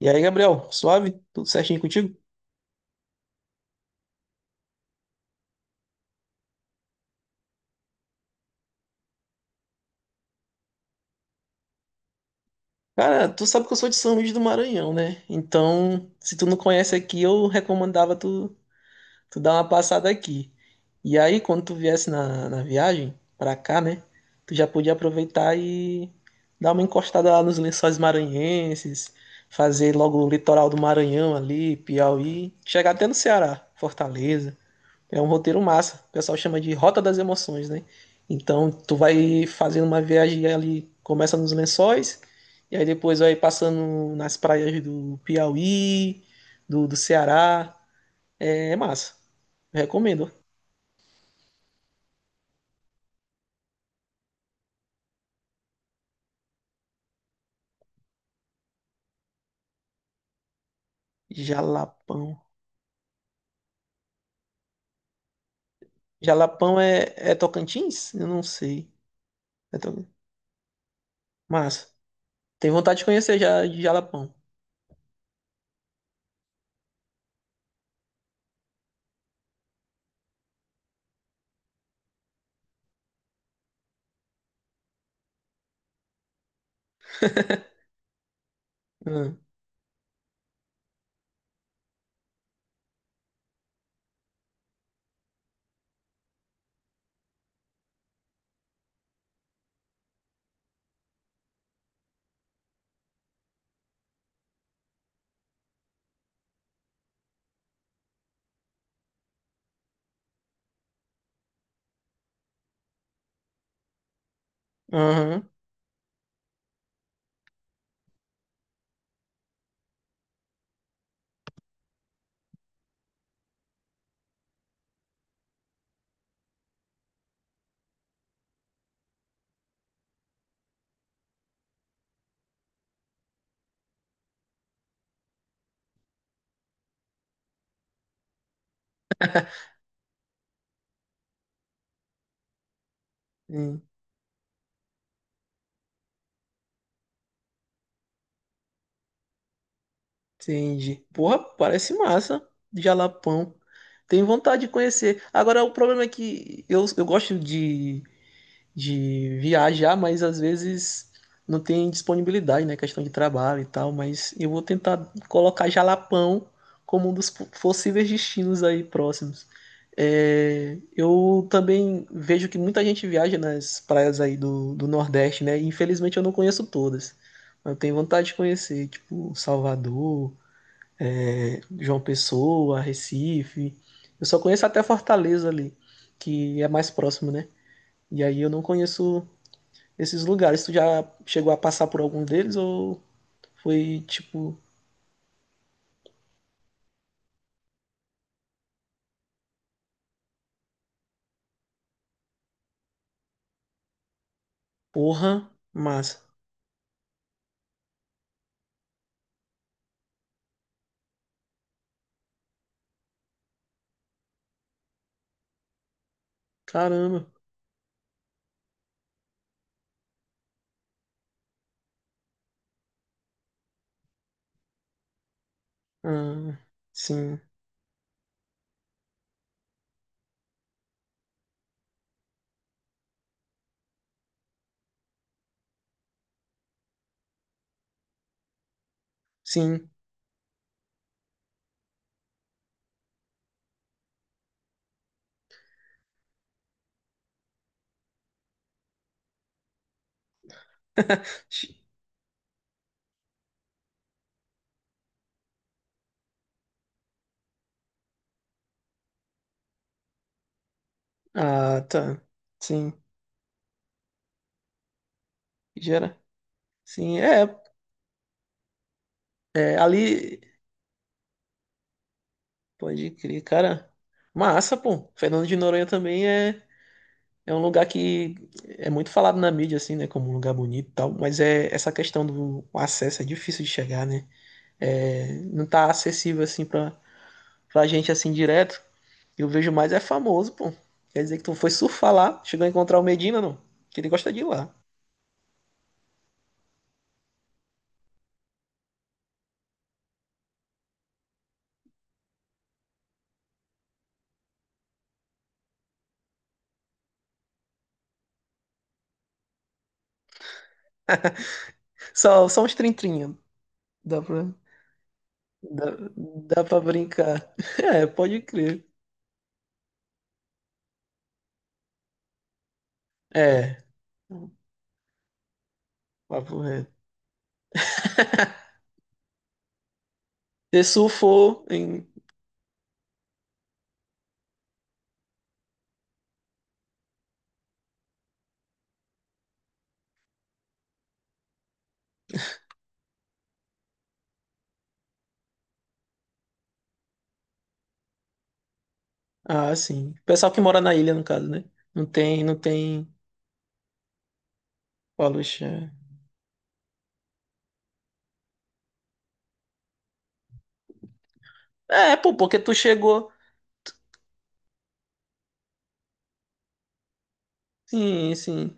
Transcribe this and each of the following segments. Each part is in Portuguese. E aí, Gabriel, suave? Tudo certinho contigo? Cara, tu sabe que eu sou de São Luís do Maranhão, né? Então, se tu não conhece aqui, eu recomendava tu, tu dar uma passada aqui. E aí, quando tu viesse na viagem pra cá, né? Tu já podia aproveitar e dar uma encostada lá nos lençóis maranhenses, fazer logo o litoral do Maranhão ali, Piauí, chegar até no Ceará, Fortaleza. É um roteiro massa. O pessoal chama de Rota das Emoções, né? Então, tu vai fazendo uma viagem ali, começa nos Lençóis, e aí depois vai passando nas praias do Piauí, do Ceará. É, é massa. Recomendo. Jalapão. Jalapão é, é Tocantins? Eu não sei. É Toc- Massa. Tenho vontade de conhecer já de Jalapão. Hum. Aham. Hum. Entendi. Porra, parece massa. Jalapão. Tenho vontade de conhecer. Agora, o problema é que eu gosto de viajar, mas às vezes não tem disponibilidade, né? Questão de trabalho e tal. Mas eu vou tentar colocar Jalapão como um dos possíveis destinos aí próximos. É, eu também vejo que muita gente viaja nas praias aí do Nordeste, né? Infelizmente eu não conheço todas. Mas eu tenho vontade de conhecer, tipo, Salvador. João Pessoa, Recife. Eu só conheço até Fortaleza ali, que é mais próximo, né? E aí eu não conheço esses lugares. Tu já chegou a passar por algum deles ou foi tipo, porra, massa. Caramba. Ah, sim, sim. Chi- Ah, tá. Sim. Gera. Sim, é, é. Ali, pode crer, cara. Massa, pô. Fernando de Noronha também é. É um lugar que é muito falado na mídia, assim, né? Como um lugar bonito e tal, mas é essa questão do acesso é difícil de chegar, né? É, não tá acessível, assim, pra, pra gente, assim, direto. Eu vejo mais é famoso, pô. Quer dizer que tu foi surfar lá, chegou a encontrar o Medina, não? Que ele gosta de ir lá. Só, só uns trintrinha. Dá pra, dá, dá pra brincar. É, pode crer. É, papo reto. Você surfou em... Ah, sim. Pessoal que mora na ilha, no caso, né? Não tem, não tem O Alexandre. É, é, pô, porque tu chegou. Sim, sim.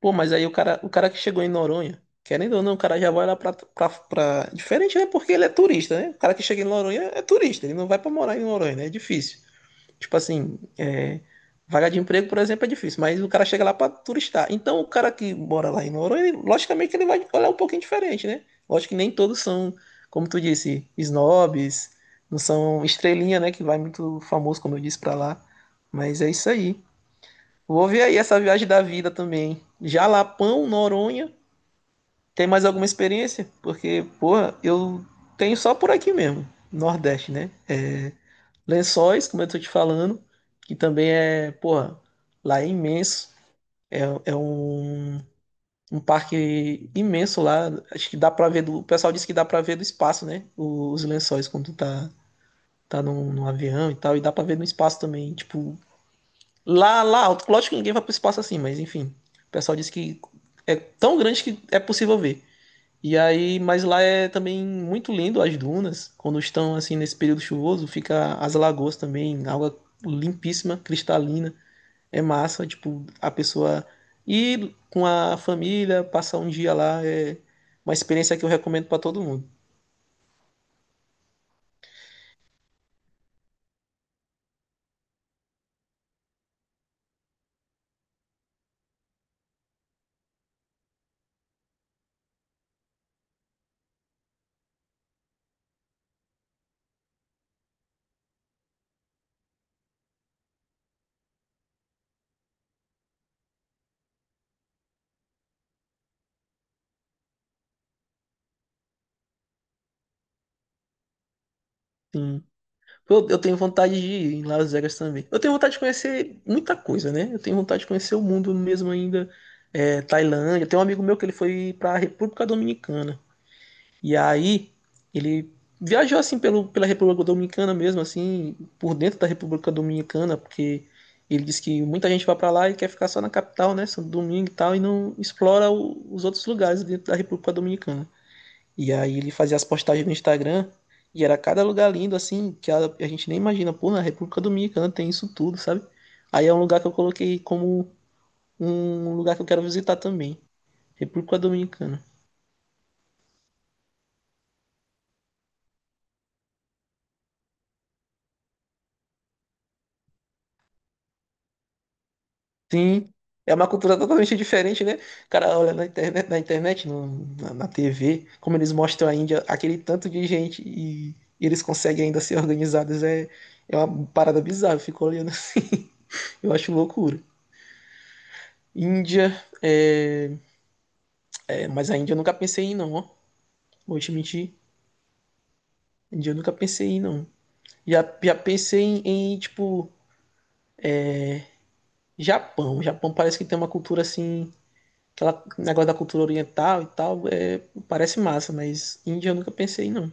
Pô, mas aí o cara que chegou em Noronha, querendo ou não, o cara já vai lá pra, pra, pra- Diferente, né? Porque ele é turista, né? O cara que chega em Noronha é turista, ele não vai pra morar em Noronha, né? É difícil. Tipo assim, é, vaga de emprego, por exemplo, é difícil, mas o cara chega lá para turistar. Então, o cara que mora lá em Noronha, ele- logicamente que ele vai olhar um pouquinho diferente, né? Lógico que nem todos são, como tu disse, snobs, não são estrelinha, né? Que vai muito famoso, como eu disse, para lá. Mas é isso aí. Vou ver aí essa viagem da vida também. Jalapão, Noronha. Tem mais alguma experiência? Porque, porra, eu tenho só por aqui mesmo, Nordeste, né? É, Lençóis, como eu tô te falando, que também é, porra, lá é imenso. É, é um, um parque imenso lá. Acho que dá pra ver do. O pessoal disse que dá pra ver do espaço, né? O- Os lençóis quando tu tá, tá num, num avião e tal. E dá pra ver no espaço também. Tipo, lá, lá alto. Lógico que ninguém vai pro espaço assim, mas enfim. O pessoal disse que é tão grande que é possível ver. E aí, mas lá é também muito lindo as dunas, quando estão assim nesse período chuvoso, fica as lagoas também, água limpíssima, cristalina, é massa, tipo, a pessoa ir com a família, passar um dia lá é uma experiência que eu recomendo para todo mundo. Sim. Eu tenho vontade de ir em Las Vegas também. Eu tenho vontade de conhecer muita coisa, né? Eu tenho vontade de conhecer o mundo mesmo ainda, é, Tailândia. Tem um amigo meu que ele foi para a República Dominicana. E aí ele viajou assim pelo, pela República Dominicana mesmo, assim, por dentro da República Dominicana, porque ele disse que muita gente vai para lá e quer ficar só na capital, né, Santo Domingo e tal, e não explora o- os outros lugares dentro da República Dominicana. E aí ele fazia as postagens no Instagram e era cada lugar lindo, assim, que a gente nem imagina, pô, na República Dominicana tem isso tudo, sabe? Aí é um lugar que eu coloquei como um lugar que eu quero visitar também, República Dominicana. Sim, é uma cultura totalmente diferente, né? O cara olha na internet, no- na TV, como eles mostram a Índia, aquele tanto de gente e eles conseguem ainda ser organizados, é, é uma parada bizarra, eu fico olhando, assim, eu acho loucura. Índia, é, é, mas a Índia eu nunca pensei em ir, não, ó. Vou te mentir, Índia eu nunca pensei em ir, não. Já pensei em, em, tipo, Japão. Japão parece que tem uma cultura assim, aquela negócio da cultura oriental e tal, é, parece massa, mas Índia eu nunca pensei, não.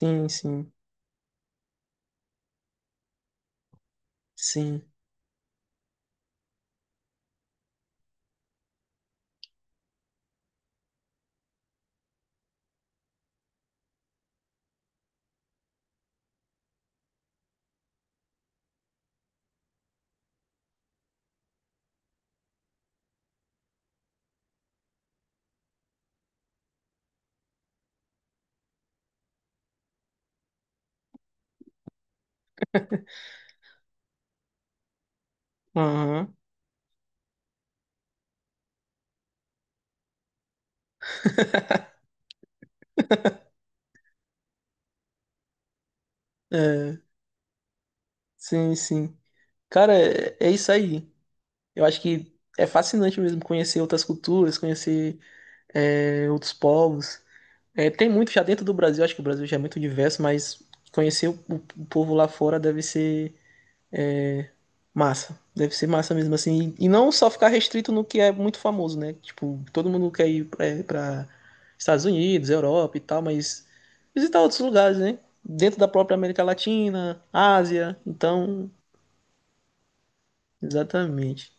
Sim, sim, sim. Aham. É, sim, sim. Cara, é, é isso aí. Eu acho que é fascinante mesmo conhecer outras culturas, conhecer é, outros povos. É, tem muito já dentro do Brasil, acho que o Brasil já é muito diverso, mas conhecer o povo lá fora deve ser. Massa. Deve ser massa mesmo assim. E não só ficar restrito no que é muito famoso, né? Tipo, todo mundo quer ir pra, pra Estados Unidos, Europa e tal, mas visitar outros lugares, né? Dentro da própria América Latina, Ásia. Então, exatamente.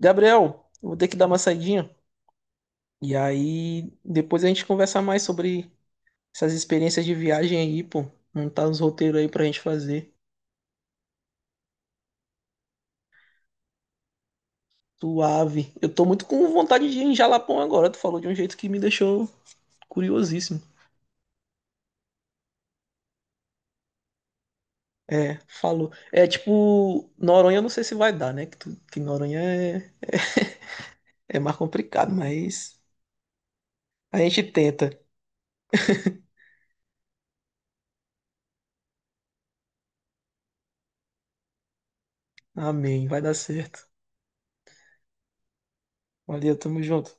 Gabriel, eu vou ter que dar uma saidinha. E aí, depois a gente conversa mais sobre essas experiências de viagem aí, pô. Montar uns roteiros aí pra gente fazer. Suave. Eu tô muito com vontade de ir em Jalapão agora. Tu falou de um jeito que me deixou curiosíssimo. É, falou. É tipo, Noronha eu não sei se vai dar, né? Que, tu- que Noronha é, é mais complicado, mas a gente tenta. Amém, vai dar certo. Valeu, tamo junto.